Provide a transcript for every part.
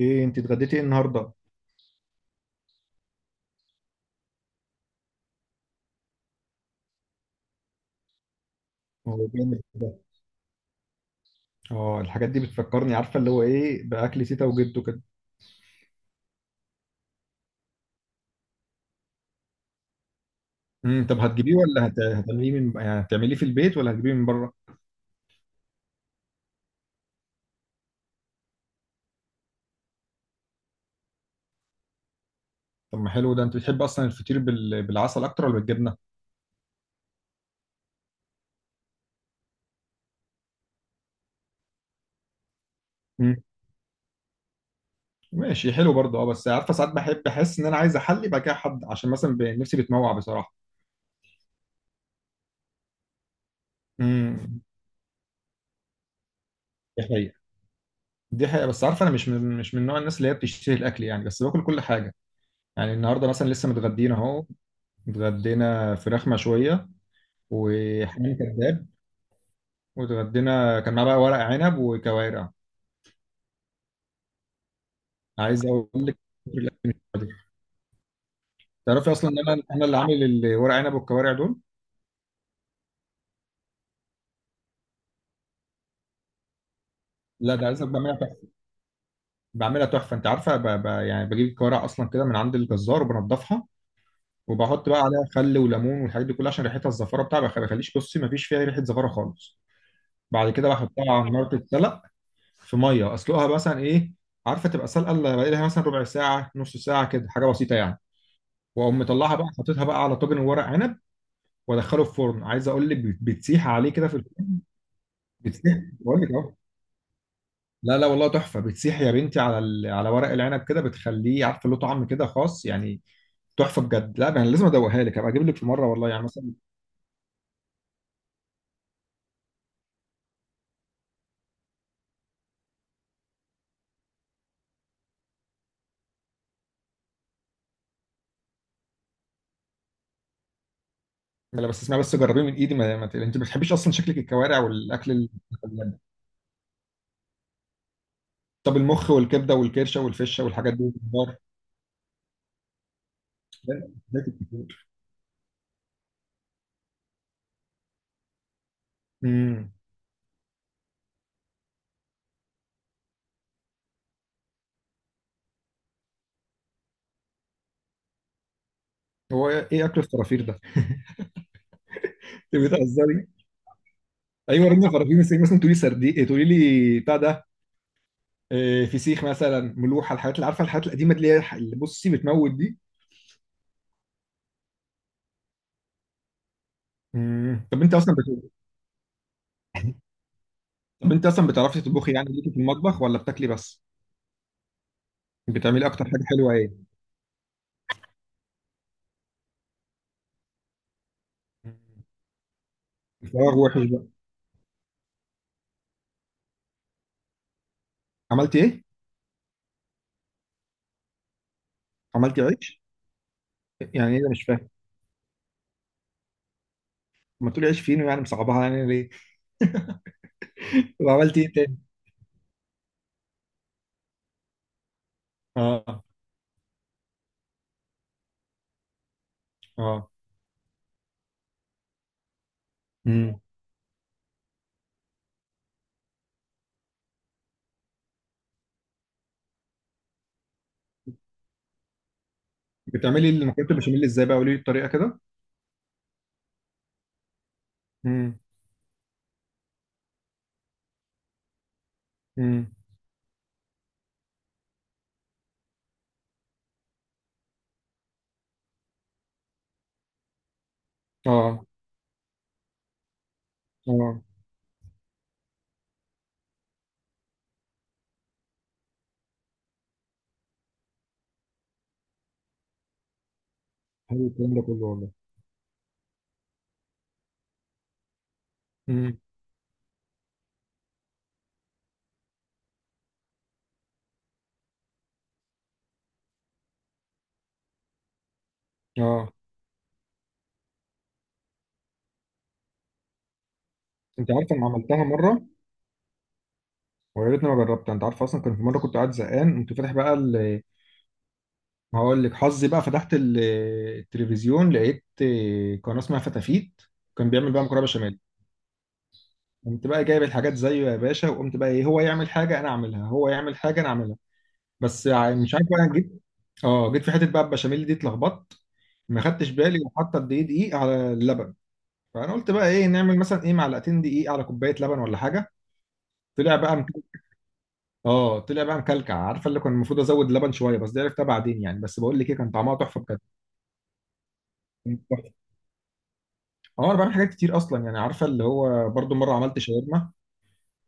ايه انت اتغديتي ايه النهارده؟ هو جامد ده. اه، الحاجات دي بتفكرني، عارفه اللي هو ايه، باكل تيتا وجدو كده. طب هتجيبيه ولا هتعمليه من، يعني هتعمليه في البيت ولا هتجيبيه من بره؟ طب ما حلو ده، انت بتحب اصلا الفطير بالعسل اكتر ولا بالجبنه؟ امم، ماشي، حلو برضه. اه، بس عارفه ساعات بحب احس ان انا عايز احلي بقى كده حد، عشان مثلا نفسي بتموع بصراحه. امم. دي حقيقه. دي حقيقه، بس عارفه انا مش من نوع الناس اللي هي بتشتهي الاكل، يعني بس باكل كل حاجه. يعني النهارده مثلا لسه متغدينا اهو. اتغدينا فراخ مشويه، وحمام كذاب، واتغدينا كان معاه بقى ورق عنب وكوارع. عايز اقول لك الأكل مش قادر. تعرفي اصلا ان انا اللي عامل الورق عنب والكوارع دول. لا، ده عايزك، بعملها تحفه. بعملها تحفه، انت عارفه، يعني بجيب الكوارع اصلا كده من عند الجزار وبنضفها. وبحط بقى عليها خل وليمون والحاجات دي كلها، عشان ريحتها الزفاره بتاعها ما بخليش، بصي ما فيش فيها ريحه زفاره خالص. بعد كده بحطها على النار تتسلق، في ميه اسلقها مثلا ايه، عارفه تبقى سلقه اللي بقى لها مثلا ربع ساعه، نص ساعه كده، حاجه بسيطه يعني. واقوم مطلعها بقى، حاططها بقى على طاجن ورق عنب، وادخله الفرن. عايز اقول لك بتسيح عليه كده في الفرن. بتسيح بقول لك اهو. لا لا، والله تحفه، بتسيح يا بنتي على على ورق العنب كده، بتخليه عارفه له طعم كده خاص يعني. تحفه بجد، لا انا لازم ادوقها لك، هبقى اجيب لك في مره والله، يعني مثلا. لا، بس اسمها، بس جربيه من ايدي. ما... ما... ت- انت ما بتحبيش اصلا شكلك الكوارع والاكل ال-. طب المخ والكبده والكرشه والفشه والحاجات دي والخضار. لا، لا، لا، كتير. امم. هو ايه اكل الفرافير ده؟ انت بتهزري؟ ايوه، رنه فرافيم السنين، مثلا تقولي سردي، تقولي لي بتاع ده. آه، فسيخ مثلا، ملوحه، الحاجات اللي عارفه، الحاجات القديمه اللي هي اللي بصي بتموت دي. مم. طب انت اصلا بتعرفي تطبخي، يعني ليكي في المطبخ ولا بتاكلي بس؟ بتعملي اكتر حاجه حلوه ايه؟ الفراغ وحش بقى. عملتي ايه؟ عملتي عيش؟ يعني ايه ده، مش فاهم. ما تقولي عيش فينو يعني، مصعبها يعني ليه؟ طب عملتي ايه تاني؟ اه. اه. مم. بتعملي المكرونه البشاميل ازاي بقى؟ قولي لي الطريقه كده. امم. امم. اه. اه. حلو الكلام ده كله والله. اه، انت عارف انا عملتها مره. ويا ريتني ما جربتها، انت عارف اصلا كان في مره كنت قاعد زهقان، كنت فاتح بقى ال-. ما هقول لك حظي بقى، فتحت التلفزيون، لقيت قناه اسمها فتافيت، كان بيعمل بقى مكرونه بشاميل. قمت بقى جايب الحاجات زيه يا باشا، وقمت بقى ايه، هو يعمل حاجه انا اعملها، هو يعمل حاجه انا اعملها. بس مش عارف بقى، جيت. اه، جيت في حته بقى البشاميل دي اتلخبطت. ما خدتش بالي وحاطه قد ايه دقيق على اللبن. فانا قلت بقى ايه، نعمل مثلا ايه، معلقتين دقيق على كوبايه لبن ولا حاجه. طلع بقى. اه، طلع بقى مكلكع، عارفه اللي كان المفروض ازود لبن شويه، بس دي عرفتها بعدين يعني، بس بقول لك ايه، كان طعمها تحفه بجد. كانت تحفه. اه، انا بعمل حاجات كتير اصلا يعني، عارفه اللي هو برضو مره عملت شاورما.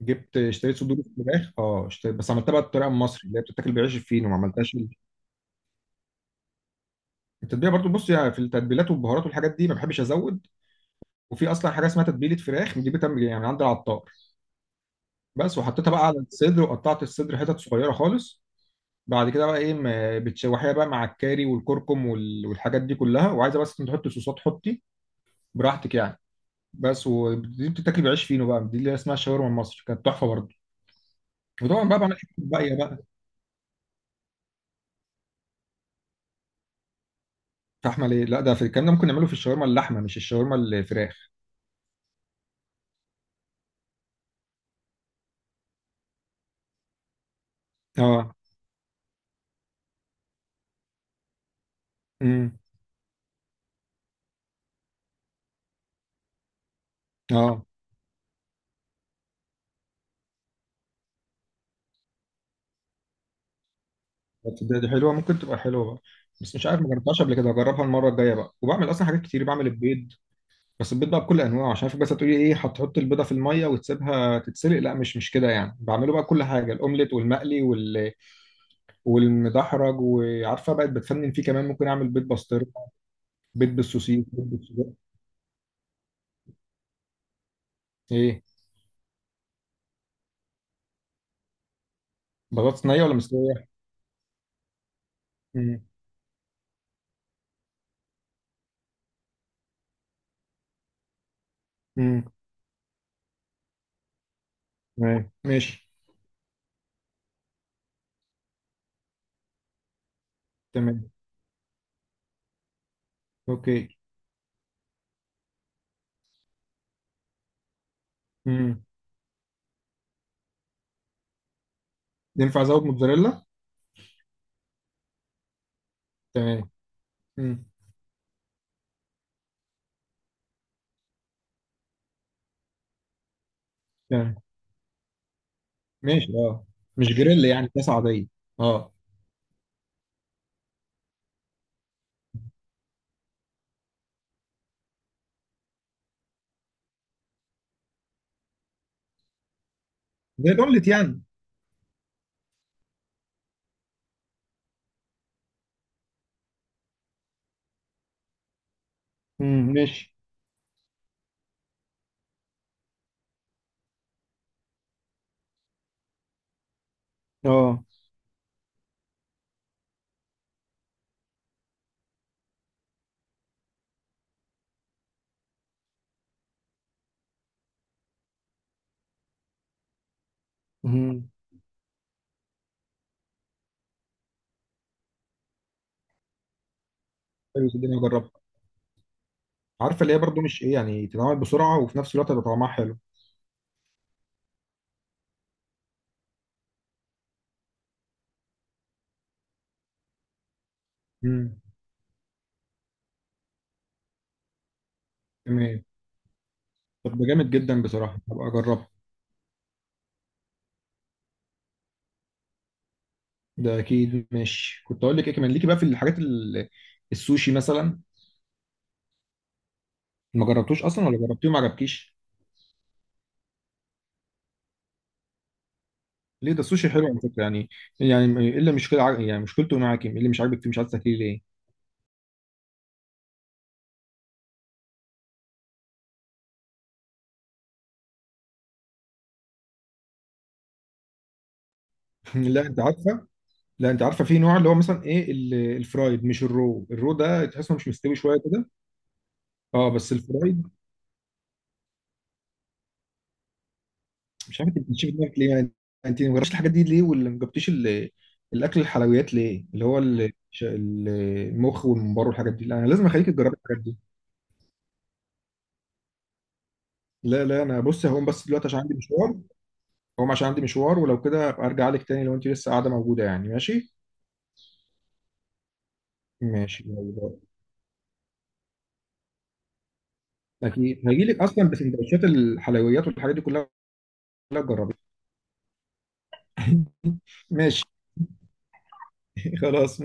جبت اشتريت صدور فراخ، اه اشتريت بس عملتها بقى بالطريقه المصري، اللي هي بتتاكل بعيش الفينو، ما عملتهاش ال-. التتبيله برضو بص، يعني في التتبيلات والبهارات والحاجات دي ما بحبش ازود. وفي اصلا حاجه اسمها تتبيله فراخ دي، بتعمل يعني من عند العطار بس، وحطيتها بقى على الصدر، وقطعت الصدر حتت صغيره خالص. بعد كده بقى ايه، بتشوحيها بقى مع الكاري والكركم والحاجات دي كلها، وعايزه بس انت تحطي صوصات، حطي براحتك يعني. بس ودي بتتاكل بعيش فينو بقى، دي اللي اسمها الشاورما المصري، كانت تحفه برضه. وطبعا بقى بعمل حاجات باقيه بقى. فاحمل ايه؟ لا ده، في الكلام ده ممكن نعمله في الشاورما اللحمه، مش الشاورما الفراخ. اه. امم. اه. دي حلوه، ممكن تبقى حلوه بقى. بس مش عارف، ما جربتهاش قبل كده، هجربها المره الجايه بقى. وبعمل اصلا حاجات كتير، بعمل البيض. بس البيض بقى بكل انواعه، عشان في بس هتقولي ايه، هتحط البيضه في الميه وتسيبها تتسلق، لا، مش كده يعني، بعمله بقى كل حاجه، الاومليت والمقلي والمدحرج، وعارفه بقت بتفنن فيه كمان، ممكن اعمل بيض بسطرمه، بيض بالسوسيس، بيض بالسجق. ايه؟ بطاطس نيه ولا مستويه؟ امم. امم. تمام ماشي. تمام. اوكي. امم. ينفع ازود موتزاريلا؟ تمام. امم. تمام ماشي. اه. مش جريل يعني، كاسه عاديه؟ اه. زي الاومليت يعني؟ امم، ماشي. اه. امم. حلو الدنيا، جربت. عارفه اللي هي برضو مش ايه يعني، تتعمل بسرعه وفي نفس الوقت هيبقى طعمها حلو. امم. تمام. طب ده جامد جدا بصراحه، هبقى اجربها. ده اكيد ماشي، كنت اقول لك ايه كمان ليكي بقى في الحاجات السوشي مثلا. ما جربتوش اصلا ولا جربتيه وما عجبكيش؟ ليه؟ ده السوشي حلو على فكره يعني. يعني ايه اللي مشكله يعني مشكلته معاكي، ايه اللي مش عاجبك فيه، مش عايز تاكليه ليه؟ لا، انت عارفه. لا، انت عارفه، في نوع اللي هو مثلا ايه الفرايد مش الرو، الرو ده تحس انه مش مستوي شويه كده. اه، بس الفرايد. مش عارف، انت بتشوف دماغك ليه يعني؟ انت ما جربتش الحاجات دي ليه، ولا ما جبتيش الاكل، الحلويات ليه، اللي هو المخ والممبار والحاجات دي. لا انا لازم اخليك تجربي الحاجات دي. لا لا، انا بص هقوم بس دلوقتي عشان عندي مشوار. هقوم عشان عندي مشوار، ولو كده ابقى ارجع لك تاني، لو انت لسه قاعده موجوده، يعني ماشي. ماشي يلا باي. اكيد هجي لك، اصلا بسندوتشات الحلويات والحاجات دي كلها، كلها تجربي. ماشي خلاص.